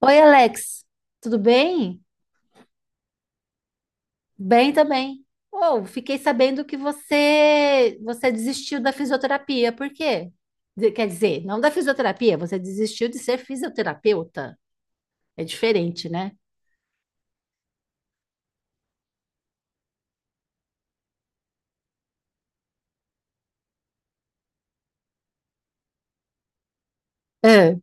Oi, Alex, tudo bem? Bem também. Oh, fiquei sabendo que você desistiu da fisioterapia. Por quê? Quer dizer, não da fisioterapia, você desistiu de ser fisioterapeuta. É diferente, né? Ah,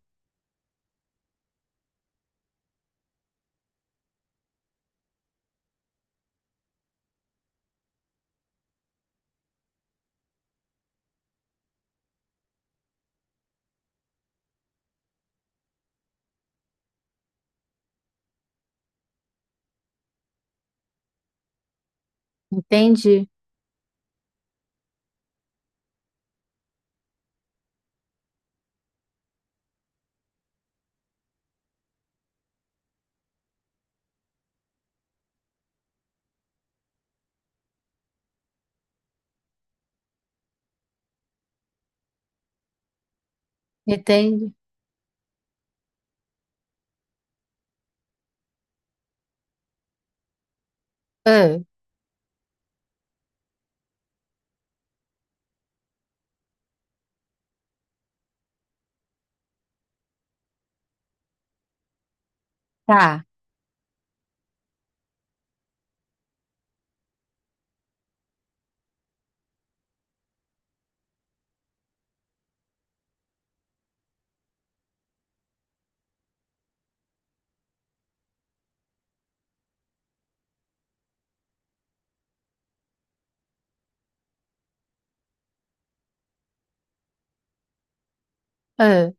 entendi, entendi. Ah, tá. Ah,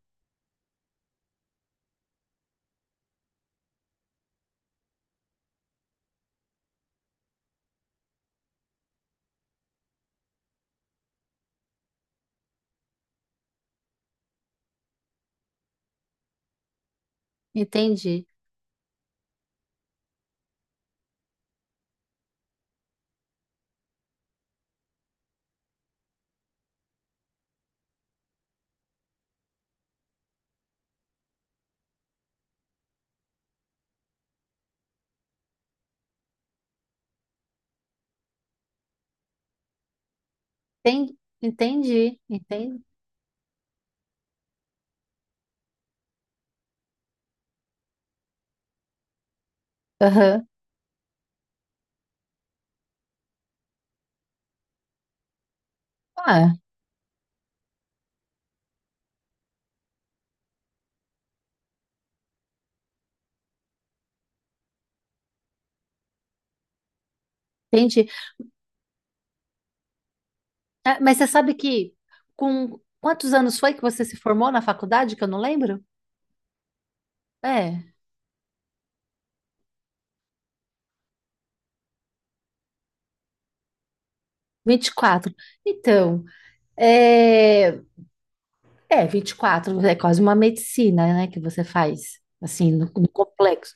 entendi. Entendi, entendi. Aham. Ah, entendi. Ah, mas você sabe que com quantos anos foi que você se formou na faculdade, que eu não lembro? É. 24. Então, é, é 24 é quase uma medicina, né, que você faz, assim, no complexo.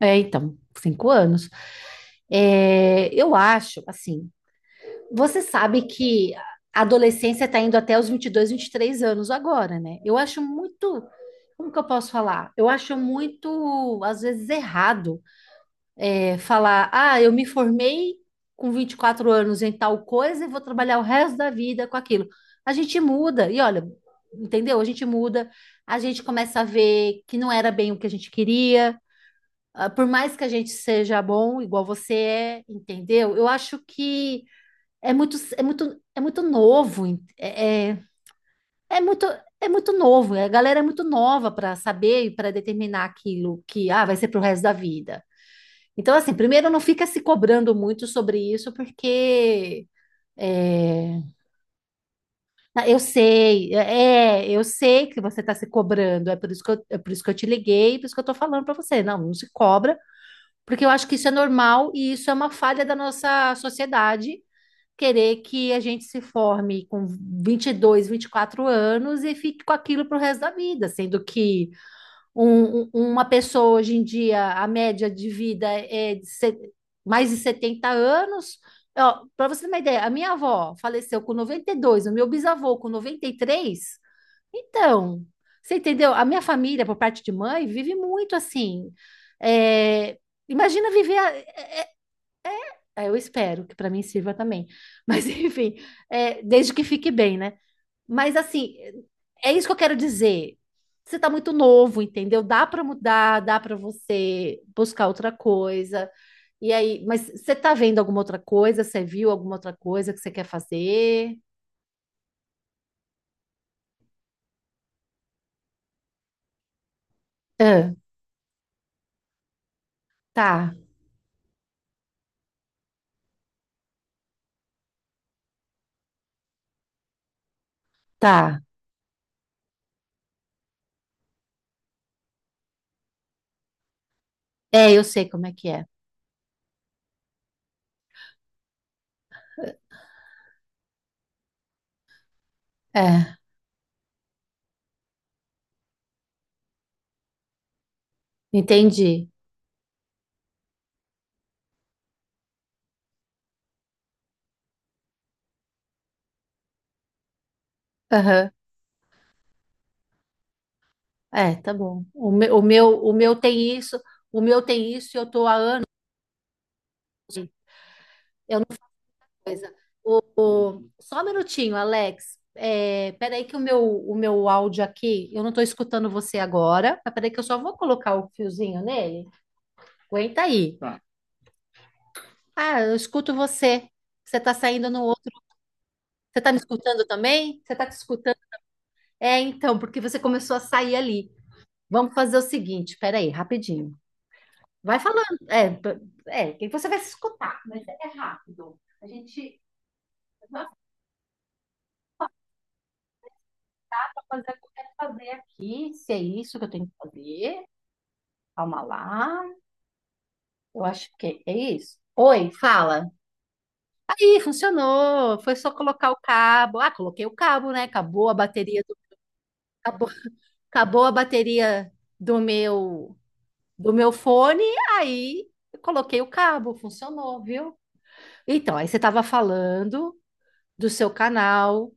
É, então, 5 anos. É, eu acho, assim, você sabe que a adolescência está indo até os 20, 22, 23 anos agora, né? Eu acho muito, como que eu posso falar? Eu acho muito, às vezes, errado. É, falar, ah, eu me formei com 24 anos em tal coisa e vou trabalhar o resto da vida com aquilo. A gente muda, e olha, entendeu? A gente muda, a gente começa a ver que não era bem o que a gente queria, ah, por mais que a gente seja bom, igual você é, entendeu? Eu acho que é muito, é muito, é muito novo, é muito. É muito novo, a galera é muito nova para saber e para determinar aquilo que ah, vai ser pro resto da vida. Então, assim, primeiro não fica se cobrando muito sobre isso, porque é, ah, eu sei, é, eu sei que você está se cobrando, é por isso que eu, é por isso que eu te liguei, por isso que eu estou falando para você. Não, não se cobra, porque eu acho que isso é normal e isso é uma falha da nossa sociedade, querer que a gente se forme com 20, 22, 24 anos e fique com aquilo para o resto da vida, sendo que uma pessoa hoje em dia, a média de vida é de mais de 70 anos. Para você ter uma ideia, a minha avó faleceu com 92, o meu bisavô com 93. Então, você entendeu? A minha família, por parte de mãe, vive muito assim. É, imagina viver. É, eu espero que para mim sirva também. Mas, enfim, é, desde que fique bem, né? Mas assim, é isso que eu quero dizer. Você tá muito novo, entendeu? Dá para mudar, dá para você buscar outra coisa. E aí, mas você tá vendo alguma outra coisa? Você viu alguma outra coisa que você quer fazer? Ah, tá, tá. É, eu sei como é que é. É, entendi. Aham. É, tá bom. O meu tem isso, o meu tem isso e eu tô a Só um minutinho, Alex. É, peraí que o meu áudio aqui, eu não estou escutando você agora, mas peraí que eu só vou colocar o fiozinho nele. Aguenta aí. Tá. Ah, eu escuto você. Você está saindo no outro. Você está me escutando também? Você está te escutando? É, então, porque você começou a sair ali. Vamos fazer o seguinte, peraí, rapidinho. Vai falando. É, que você vai se escutar, mas é rápido. A gente vai fazer o que eu quero fazer aqui, se é isso que eu tenho que fazer. Calma lá. Eu acho que é isso. Oi, fala. Aí, funcionou. Foi só colocar o cabo. Ah, coloquei o cabo, né? Acabou, acabou a bateria do meu do meu fone. Aí eu coloquei o cabo, funcionou, viu? Então, aí você estava falando do seu canal,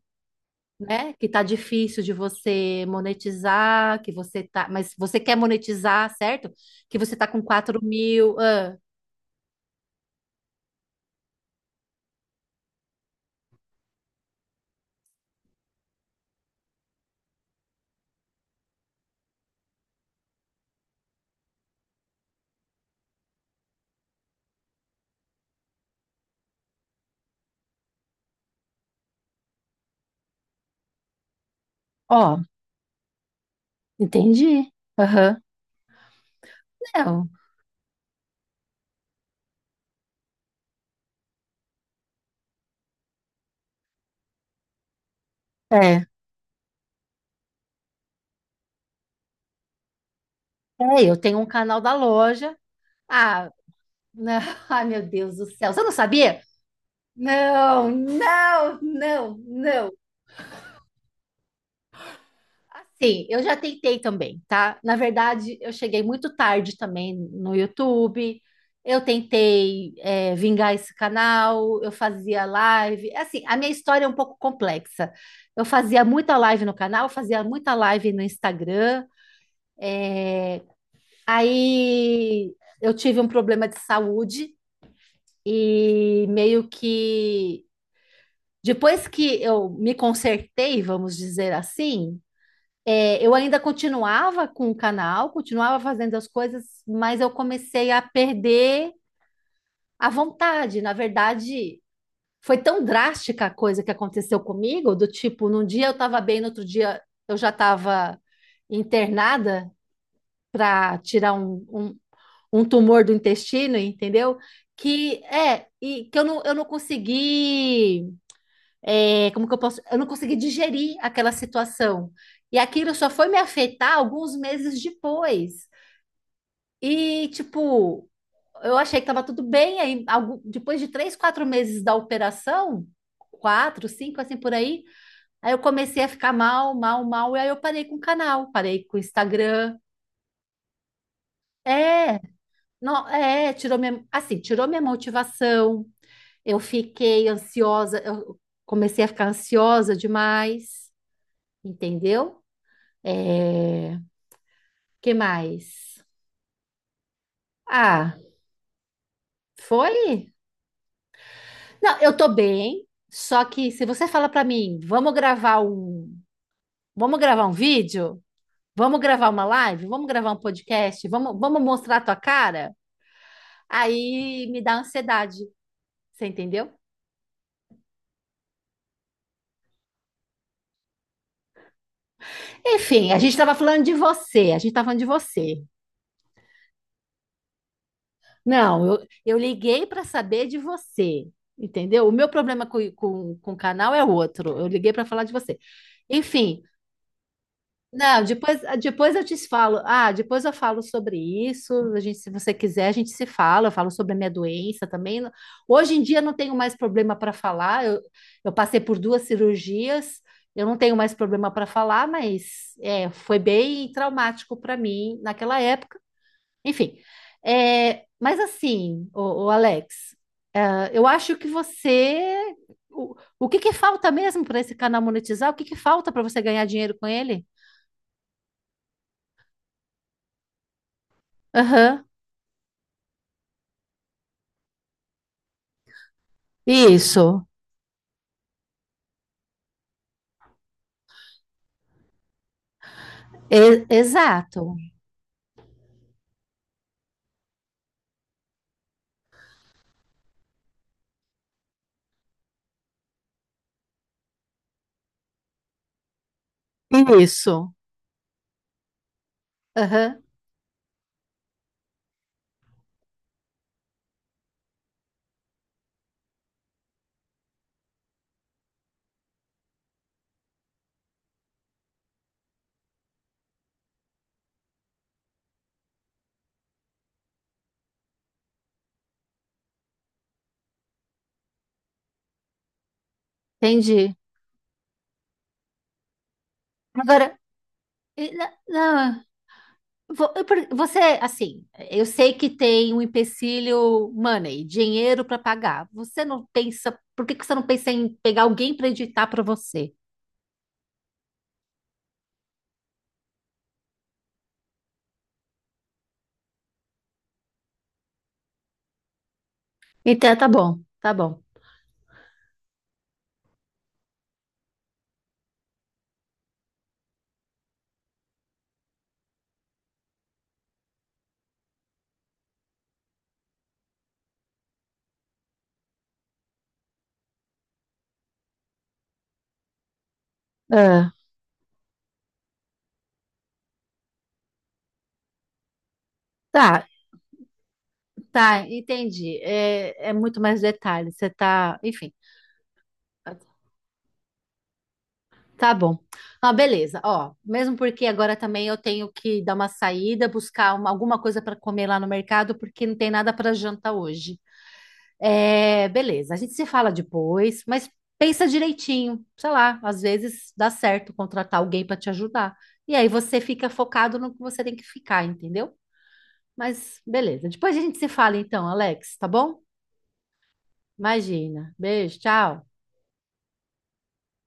né? Que tá difícil de você monetizar, que você tá, mas você quer monetizar, certo? Que você tá com 4 mil. Ah. Ó, entendi. Aham. Não. É. É, eu tenho um canal da loja. Ah, não, ai meu Deus do céu, você não sabia? Não, não, não, não. Assim, eu já tentei também, tá? Na verdade, eu cheguei muito tarde também no YouTube. Eu tentei, é, vingar esse canal, eu fazia live. É, assim, a minha história é um pouco complexa. Eu fazia muita live no canal, fazia muita live no Instagram. Aí eu tive um problema de saúde. E meio que depois que eu me consertei, vamos dizer assim, é, eu ainda continuava com o canal, continuava fazendo as coisas, mas eu comecei a perder a vontade. Na verdade, foi tão drástica a coisa que aconteceu comigo, do tipo, num dia eu estava bem, no outro dia eu já estava internada para tirar um tumor do intestino, entendeu? Que é, e que eu não consegui é, como que eu posso? Eu não consegui digerir aquela situação. E aquilo só foi me afetar alguns meses depois. E, tipo, eu achei que estava tudo bem. Aí, depois de 3, 4 meses da operação, 4, 5, assim por aí, aí eu comecei a ficar mal, mal, mal. E aí eu parei com o canal, parei com o Instagram. É, não, é, tirou minha, assim, tirou minha motivação. Eu fiquei ansiosa, eu comecei a ficar ansiosa demais, entendeu? É, que mais? Ah, foi? Não, eu tô bem. Só que se você fala pra mim, vamos gravar um vídeo, vamos gravar uma live, vamos gravar um podcast, vamos, vamos mostrar a tua cara, aí me dá ansiedade. Você entendeu? Enfim, a gente estava falando de você, a gente estava falando de você. Não, eu liguei para saber de você, entendeu? O meu problema com o canal é outro. Eu liguei para falar de você. Enfim, não, depois eu te falo. Ah, depois eu falo sobre isso. A gente, se você quiser, a gente se fala. Eu falo sobre a minha doença também. Hoje em dia eu não tenho mais problema para falar. Eu passei por duas cirurgias. Eu não tenho mais problema para falar, mas é, foi bem traumático para mim naquela época. Enfim, é, mas assim, o, Alex, ah, eu acho que você. O que que falta mesmo para esse canal monetizar? O que que falta para você ganhar dinheiro com ele? Isso, exato. Isso. Aham, entendi. Agora, e- na- na- você, assim, eu sei que tem um empecilho money, dinheiro para pagar. Você não pensa, por que que você não pensa em pegar alguém para editar para você? Então, tá bom, tá bom. Ah, tá, tá, entendi. É, é muito mais detalhe. Você tá, enfim. Tá bom. Ah, beleza. Ó, mesmo porque agora também eu tenho que dar uma saída, buscar alguma coisa para comer lá no mercado, porque não tem nada para janta hoje. É, beleza. A gente se fala depois, mas pensa direitinho. Sei lá, às vezes dá certo contratar alguém para te ajudar. E aí você fica focado no que você tem que ficar, entendeu? Mas beleza. Depois a gente se fala então, Alex, tá bom? Imagina. Beijo, tchau.